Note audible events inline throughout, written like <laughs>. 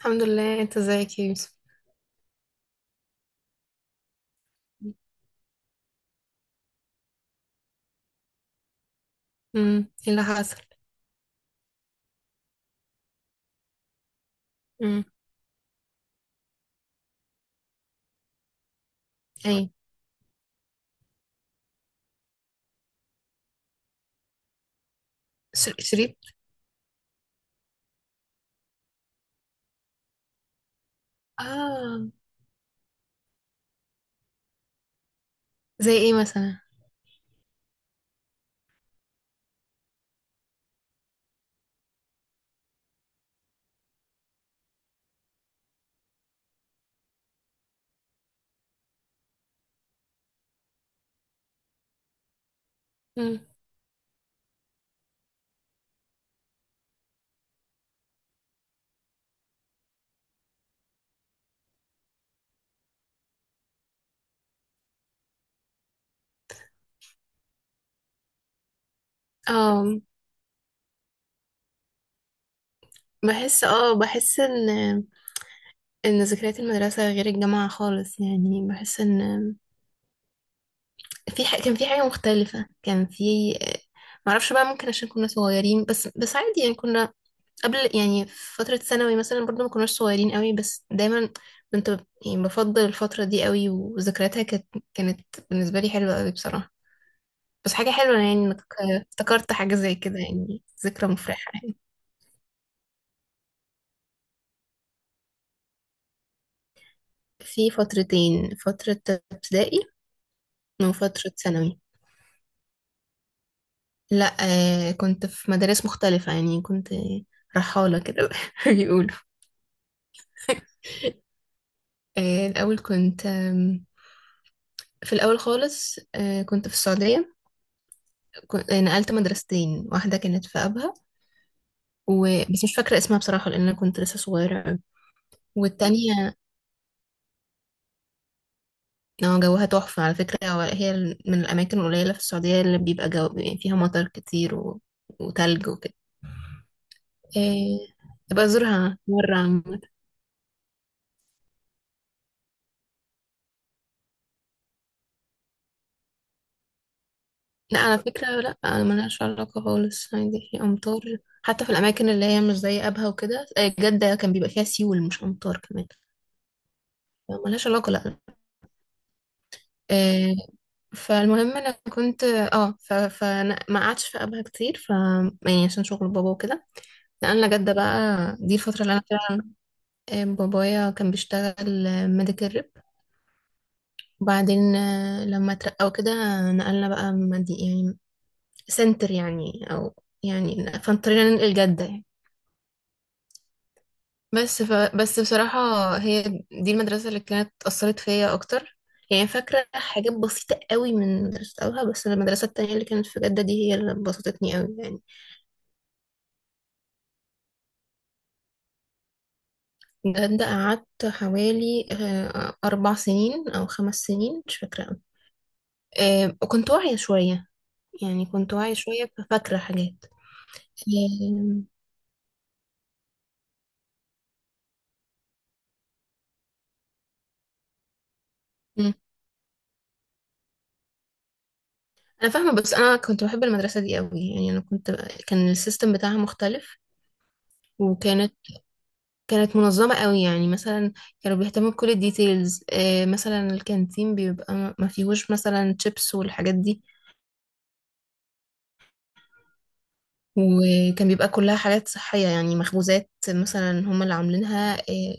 الحمد لله، انت ازيك يا يوسف؟ ايه اللي حصل؟ امم. ايه؟ شريط؟ اه. زي ايه مثلا؟ امم. اه، بحس. اه بحس ان ذكريات المدرسة غير الجامعة خالص، يعني بحس ان في ح... كان في حاجة مختلفة، كان في... معرفش بقى، ممكن عشان كنا صغيرين، بس عادي يعني. كنا قبل يعني في فترة ثانوي مثلا، برضو ما كناش صغيرين قوي، بس دايما كنت يعني بفضل الفترة دي قوي، وذكرياتها كانت بالنسبة لي حلوة قوي بصراحة. بس حاجة حلوة يعني انك افتكرت حاجة زي كده، يعني ذكرى مفرحة يعني. في فترتين: فترة ابتدائي وفترة ثانوي. لا، كنت في مدارس مختلفة، يعني كنت رحالة كده <laughs> بيقولوا. الأول كنت في الأول خالص كنت في السعودية. كنت نقلت مدرستين، واحدة كانت في أبها و... بس مش فاكرة اسمها بصراحة، لأن أنا كنت لسه صغيرة أوي. والتانية اه، جوها تحفة على فكرة. هي من الأماكن القليلة في السعودية اللي بيبقى جو يعني فيها مطر كتير و... وتلج وكده. إيه... أبقى أزورها مرة عامة. لا، على فكرة لا، أنا ملهاش علاقة خالص، عادي في أمطار حتى في الأماكن اللي هي مش زي أبها وكده. جدة كان بيبقى فيها سيول مش أمطار كمان، ملهاش علاقة لا. إيه... فالمهم أنا كنت اه ف... فأنا ما قعدتش في أبها كتير ف يعني عشان شغل بابا وكده، نقلنا جدة بقى. دي الفترة اللي أنا فيها. بابايا كان بيشتغل ميديكال ريب. وبعدين لما اترقى وكده نقلنا بقى مدي يعني سنتر يعني، او يعني فاضطرينا ننقل جدة يعني. بس بصراحة، هي دي المدرسة اللي كانت أثرت فيا أكتر، يعني فاكرة حاجات بسيطة قوي من مدرسة أولها، بس المدرسة التانية اللي كانت في جدة دي هي اللي بسطتني قوي يعني. جدة قعدت حوالي 4 سنين أو 5 سنين، مش فاكرة قوي. وكنت واعية شوية، يعني كنت واعية شوية، ففاكرة حاجات. أم. مم. أنا فاهمة، بس أنا كنت بحب المدرسة دي قوي، يعني أنا كنت. كان السيستم بتاعها مختلف، وكانت منظمة قوي، يعني مثلا كانوا بيهتموا بكل الديتيلز. مثلا الكانتين بيبقى ما فيهوش مثلا شيبس والحاجات دي، وكان بيبقى كلها حاجات صحية، يعني مخبوزات مثلا هما اللي عاملينها.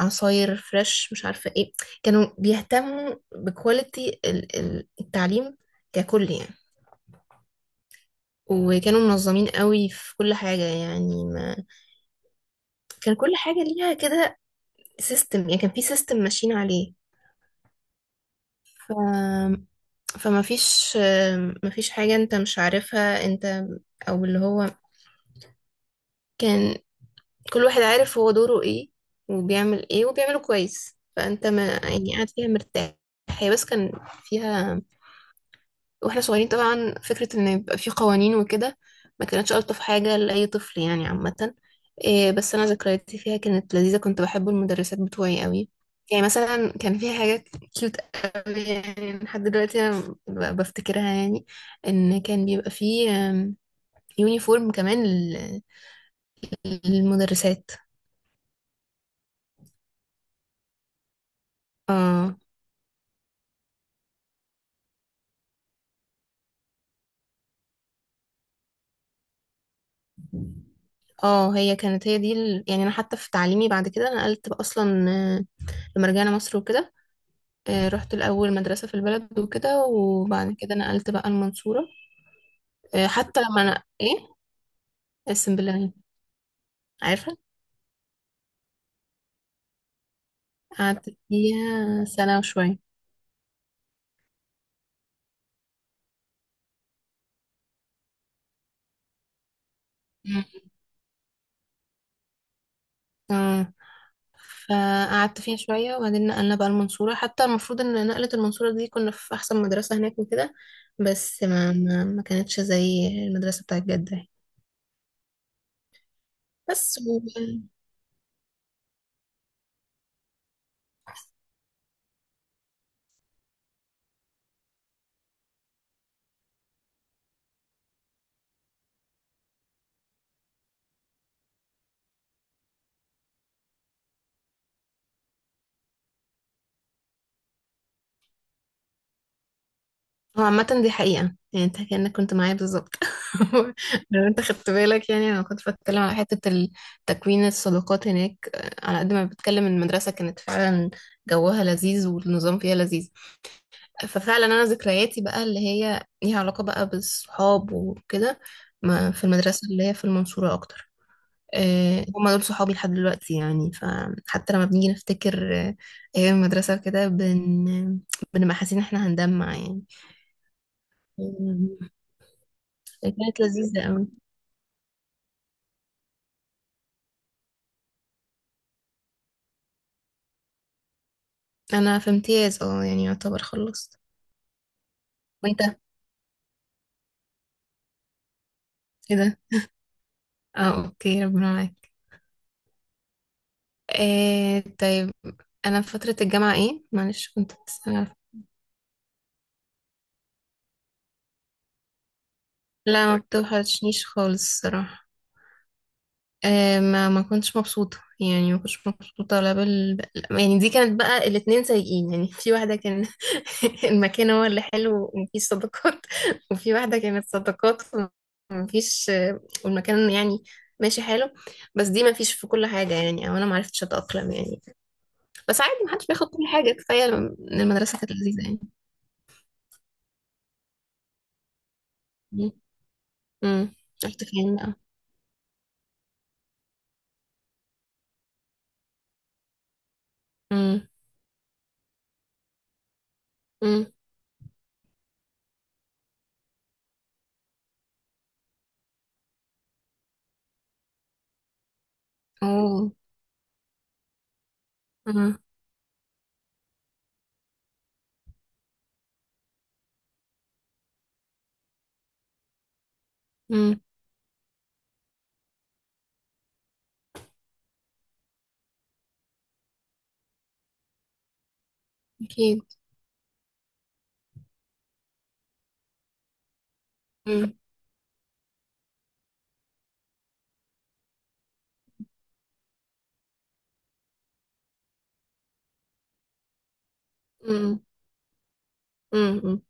العصاير فريش، مش عارفة ايه. كانوا بيهتموا بكواليتي التعليم ككل يعني، وكانوا منظمين قوي في كل حاجة يعني. ما كان كل حاجة ليها كده سيستم، يعني كان في سيستم ماشيين عليه. ف... فما فيش حاجة انت مش عارفها انت. او اللي هو كان كل واحد عارف هو دوره ايه وبيعمل ايه وبيعمله كويس، فانت ما يعني قاعد فيها مرتاح. هي بس كان فيها، واحنا صغيرين طبعا فكرة ان يبقى في قوانين وكده ما كانتش الطف حاجة لأي طفل يعني عامة. إيه، بس انا ذكرياتي فيها كانت لذيذة، كنت بحب المدرسات بتوعي قوي، يعني مثلا كان في حاجة كيوت قوي يعني، لحد دلوقتي انا بفتكرها يعني. ان كان بيبقى في يونيفورم كمان للمدرسات. اه. اه، هي كانت هي دي ال... يعني انا حتى في تعليمي بعد كده نقلت بقى اصلا. لما رجعنا مصر وكده رحت الأول مدرسة في البلد وكده، وبعد كده نقلت بقى المنصورة. حتى لما أنا إيه اسم بالله يعني، عارفة. قعدت فيها سنة وشوية. مم. آه. فقعدت فيها شوية، وبعدين نقلنا بقى المنصورة. حتى المفروض إن نقلة المنصورة دي كنا في أحسن مدرسة هناك وكده، بس ما كانتش زي المدرسة بتاعت جدة يعني. بس. هو عامة دي حقيقة يعني، انت كأنك كنت معايا بالظبط <laughs> لو انت خدت بالك يعني، انا كنت بتكلم على حتة تكوين الصداقات هناك. على قد ما بتكلم ان المدرسة كانت فعلا جوها لذيذ والنظام فيها لذيذ، ففعلا انا ذكرياتي بقى اللي هي ليها علاقة بقى بالصحاب وكده، ما في المدرسة اللي هي في المنصورة اكتر. هما دول صحابي لحد دلوقتي يعني، فحتى لما بنيجي نفتكر ايام المدرسة وكده بنبقى حاسين ان احنا هنجمع يعني. كانت لذيذة أوي. أنا في امتياز اه، يعني يعتبر خلصت. وانت؟ ايه ده؟ اه، اوكي ربنا معاك. إيه، طيب. أنا في فترة الجامعة ايه؟ معلش كنت بتسأل على- لا، ما بتوحشنيش خالص الصراحة. ما كنتش مبسوطة يعني، ما كنتش مبسوطة لا بال. يعني دي كانت بقى الاتنين سيئين يعني، في واحدة كان <laughs> المكان هو اللي حلو ومفيش صداقات، وفي واحدة كانت صداقات ومفيش. والمكان يعني ماشي حلو، بس دي مفيش في كل حاجة يعني، أو أنا معرفتش أتأقلم يعني. بس عادي، محدش بياخد كل حاجة، كفاية إن المدرسة كانت لذيذة يعني. م- م. رحت فين بقى؟ م- م. أوه. م- م. أكيد. م- م- م-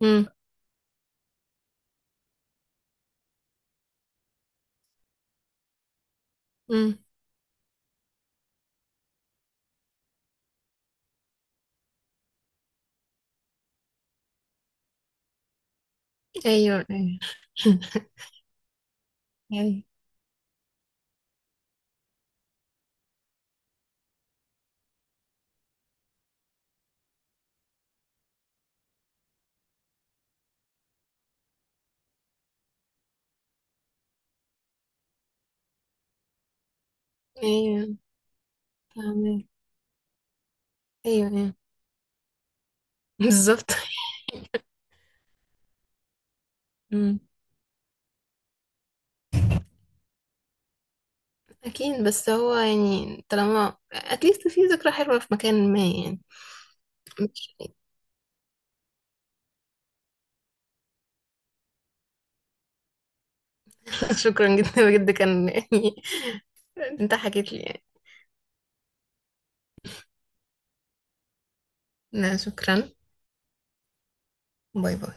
م. مم. ايوه، ايوه <laughs> ايوه، ايوه، فاهمة. ايوه، ايوه، بالظبط. مم. اكيد <laughs> بس هو يعني طالما اتليست في ذكرى حلوة في مكان ما يعني. مش- <laughs> شكرا جدا بجد، كان يعني <laughs> انت حكيت لي يعني. لا، شكرا. باي باي.